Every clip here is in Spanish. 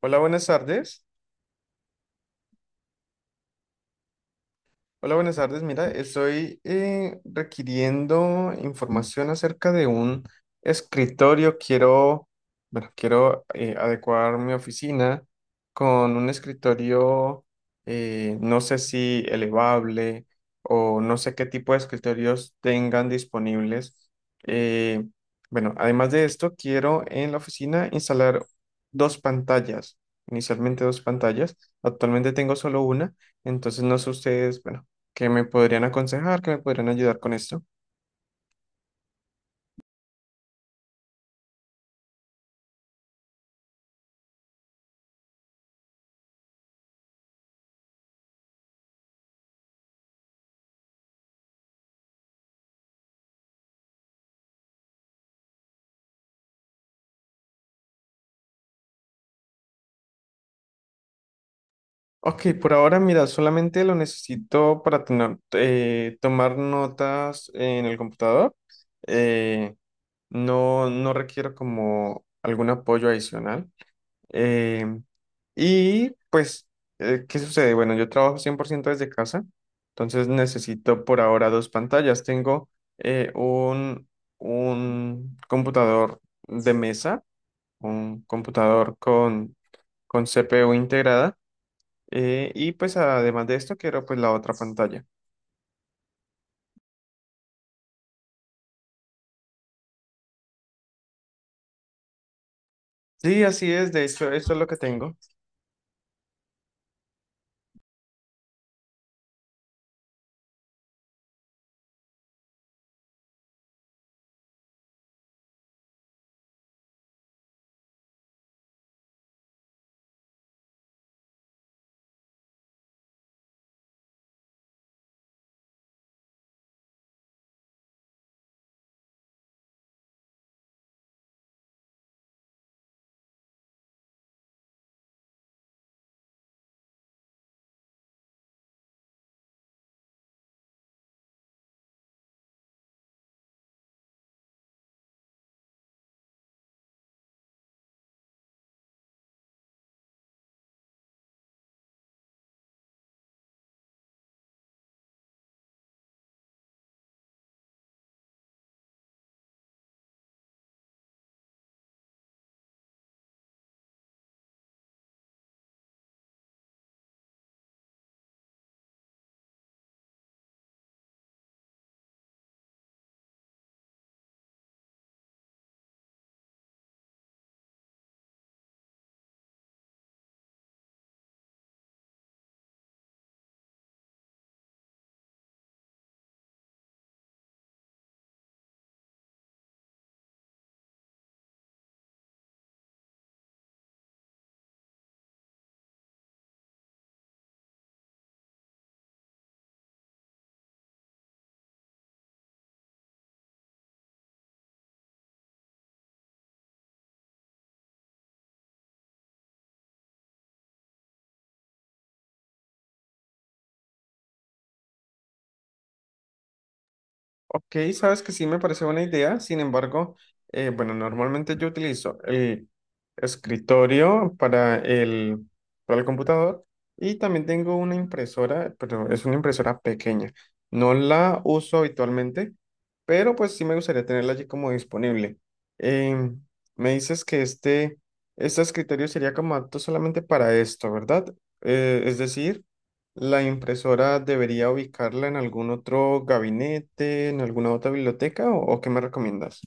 Hola, buenas tardes. Hola, buenas tardes. Mira, estoy requiriendo información acerca de un escritorio. Quiero, bueno, quiero adecuar mi oficina con un escritorio, no sé si elevable o no sé qué tipo de escritorios tengan disponibles. Eh, bueno, además de esto, quiero en la oficina instalar dos pantallas, inicialmente dos pantallas. Actualmente tengo solo una. Entonces, no sé ustedes, bueno, ¿qué me podrían aconsejar? ¿Qué me podrían ayudar con esto? Ok, por ahora, mira, solamente lo necesito para tomar notas en el computador. Eh, no, no requiero como algún apoyo adicional. Eh, y pues, ¿Qué sucede? Bueno, yo trabajo 100% desde casa, entonces necesito por ahora dos pantallas. Tengo eh, un, un computador de mesa, un computador con CPU integrada y pues además de esto quiero pues la otra pantalla. Sí, así es, de hecho eso es lo que tengo. Ok, sabes que sí me parece buena idea, sin embargo, bueno, normalmente yo utilizo el escritorio para para el computador y también tengo una impresora, pero es una impresora pequeña. No la uso habitualmente, pero pues sí me gustaría tenerla allí como disponible. Em, Me dices que este escritorio sería como apto solamente para esto, ¿verdad? Es decir, ¿la impresora debería ubicarla en algún otro gabinete, en alguna otra biblioteca o qué me recomiendas?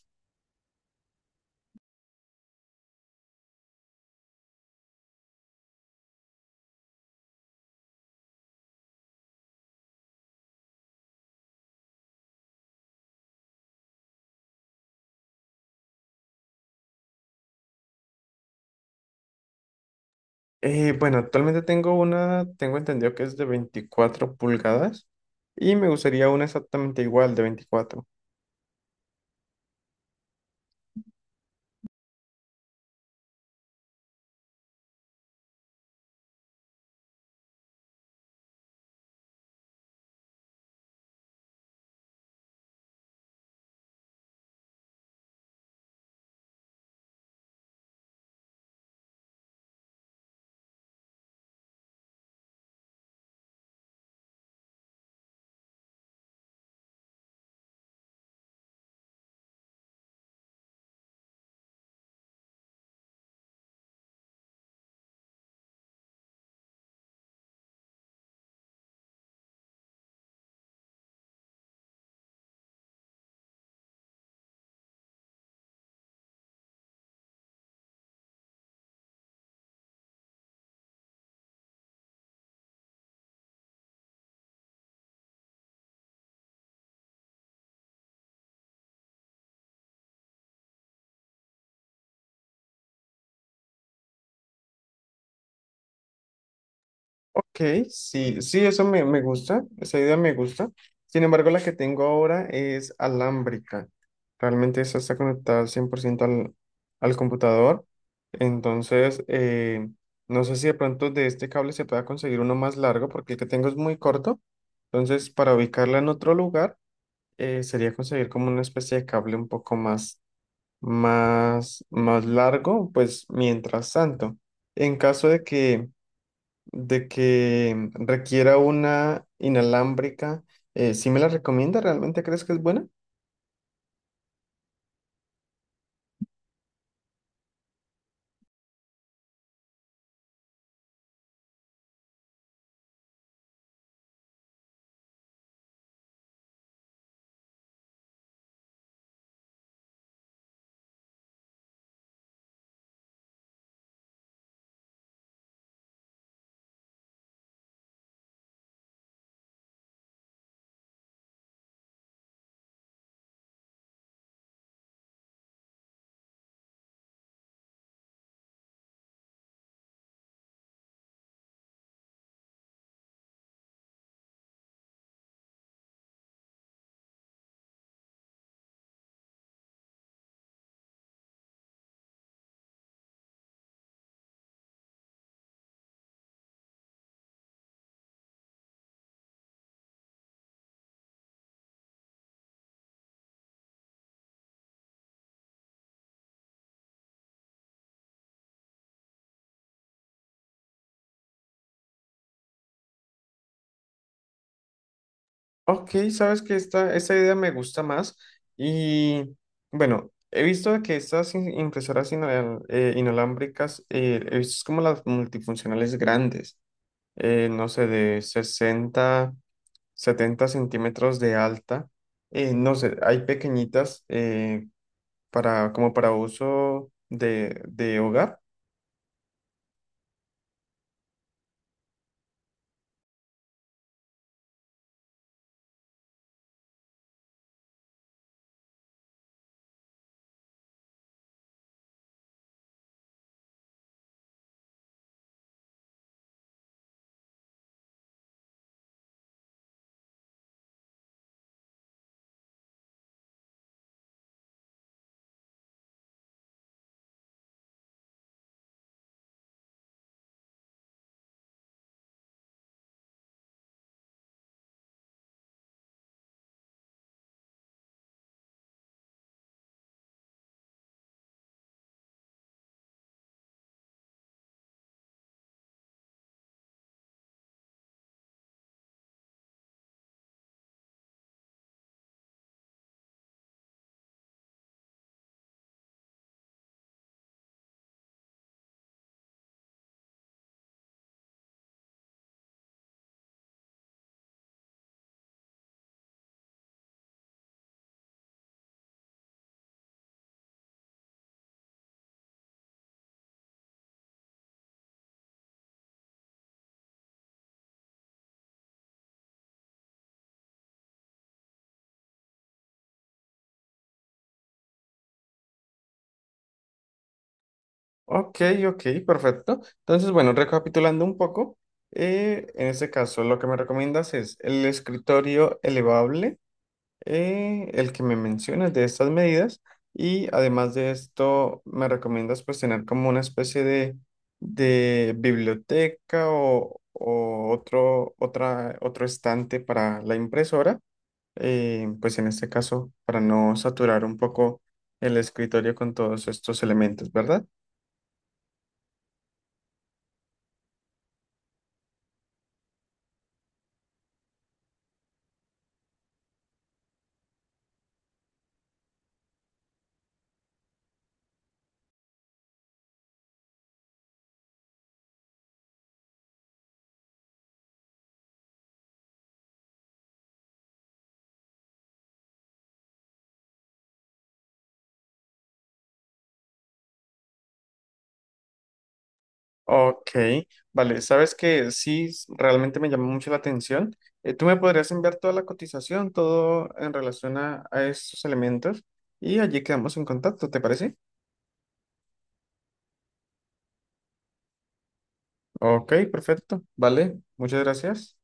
Bueno, actualmente tengo entendido que es de 24 pulgadas y me gustaría una exactamente igual de 24. Ok, sí, sí, eso me gusta, esa idea me gusta. Sin embargo, la que tengo ahora es alámbrica. Realmente esa está conectada al 100% al computador. Entonces, no sé si de pronto de este cable se pueda conseguir uno más largo, porque el que tengo es muy corto. Entonces, para ubicarla en otro lugar, sería conseguir como una especie de cable un poco más largo, pues mientras tanto. En caso de que requiera una inalámbrica, ¿sí me la recomienda? ¿Realmente crees que es buena? Ok, sabes que esta idea me gusta más y bueno, he visto que estas inalámbricas, he visto es como las multifuncionales grandes, no sé, de 60 70 centímetros de alta, no sé, hay pequeñitas para, como para uso de hogar. Ok, ok, perfecto. Entonces, bueno, recapitulando un poco, en este caso lo que me recomiendas es el escritorio elevable, el que me mencionas de estas medidas, y además de esto me recomiendas pues tener como una especie de biblioteca otro estante para la impresora, pues en este caso para no saturar un poco el escritorio con todos estos elementos, ¿verdad? Ok, vale, sabes que sí, realmente me llamó mucho la atención. Tú me podrías enviar toda la cotización, todo en relación a estos elementos y allí quedamos en contacto, ¿te parece? Ok, perfecto, vale, muchas gracias.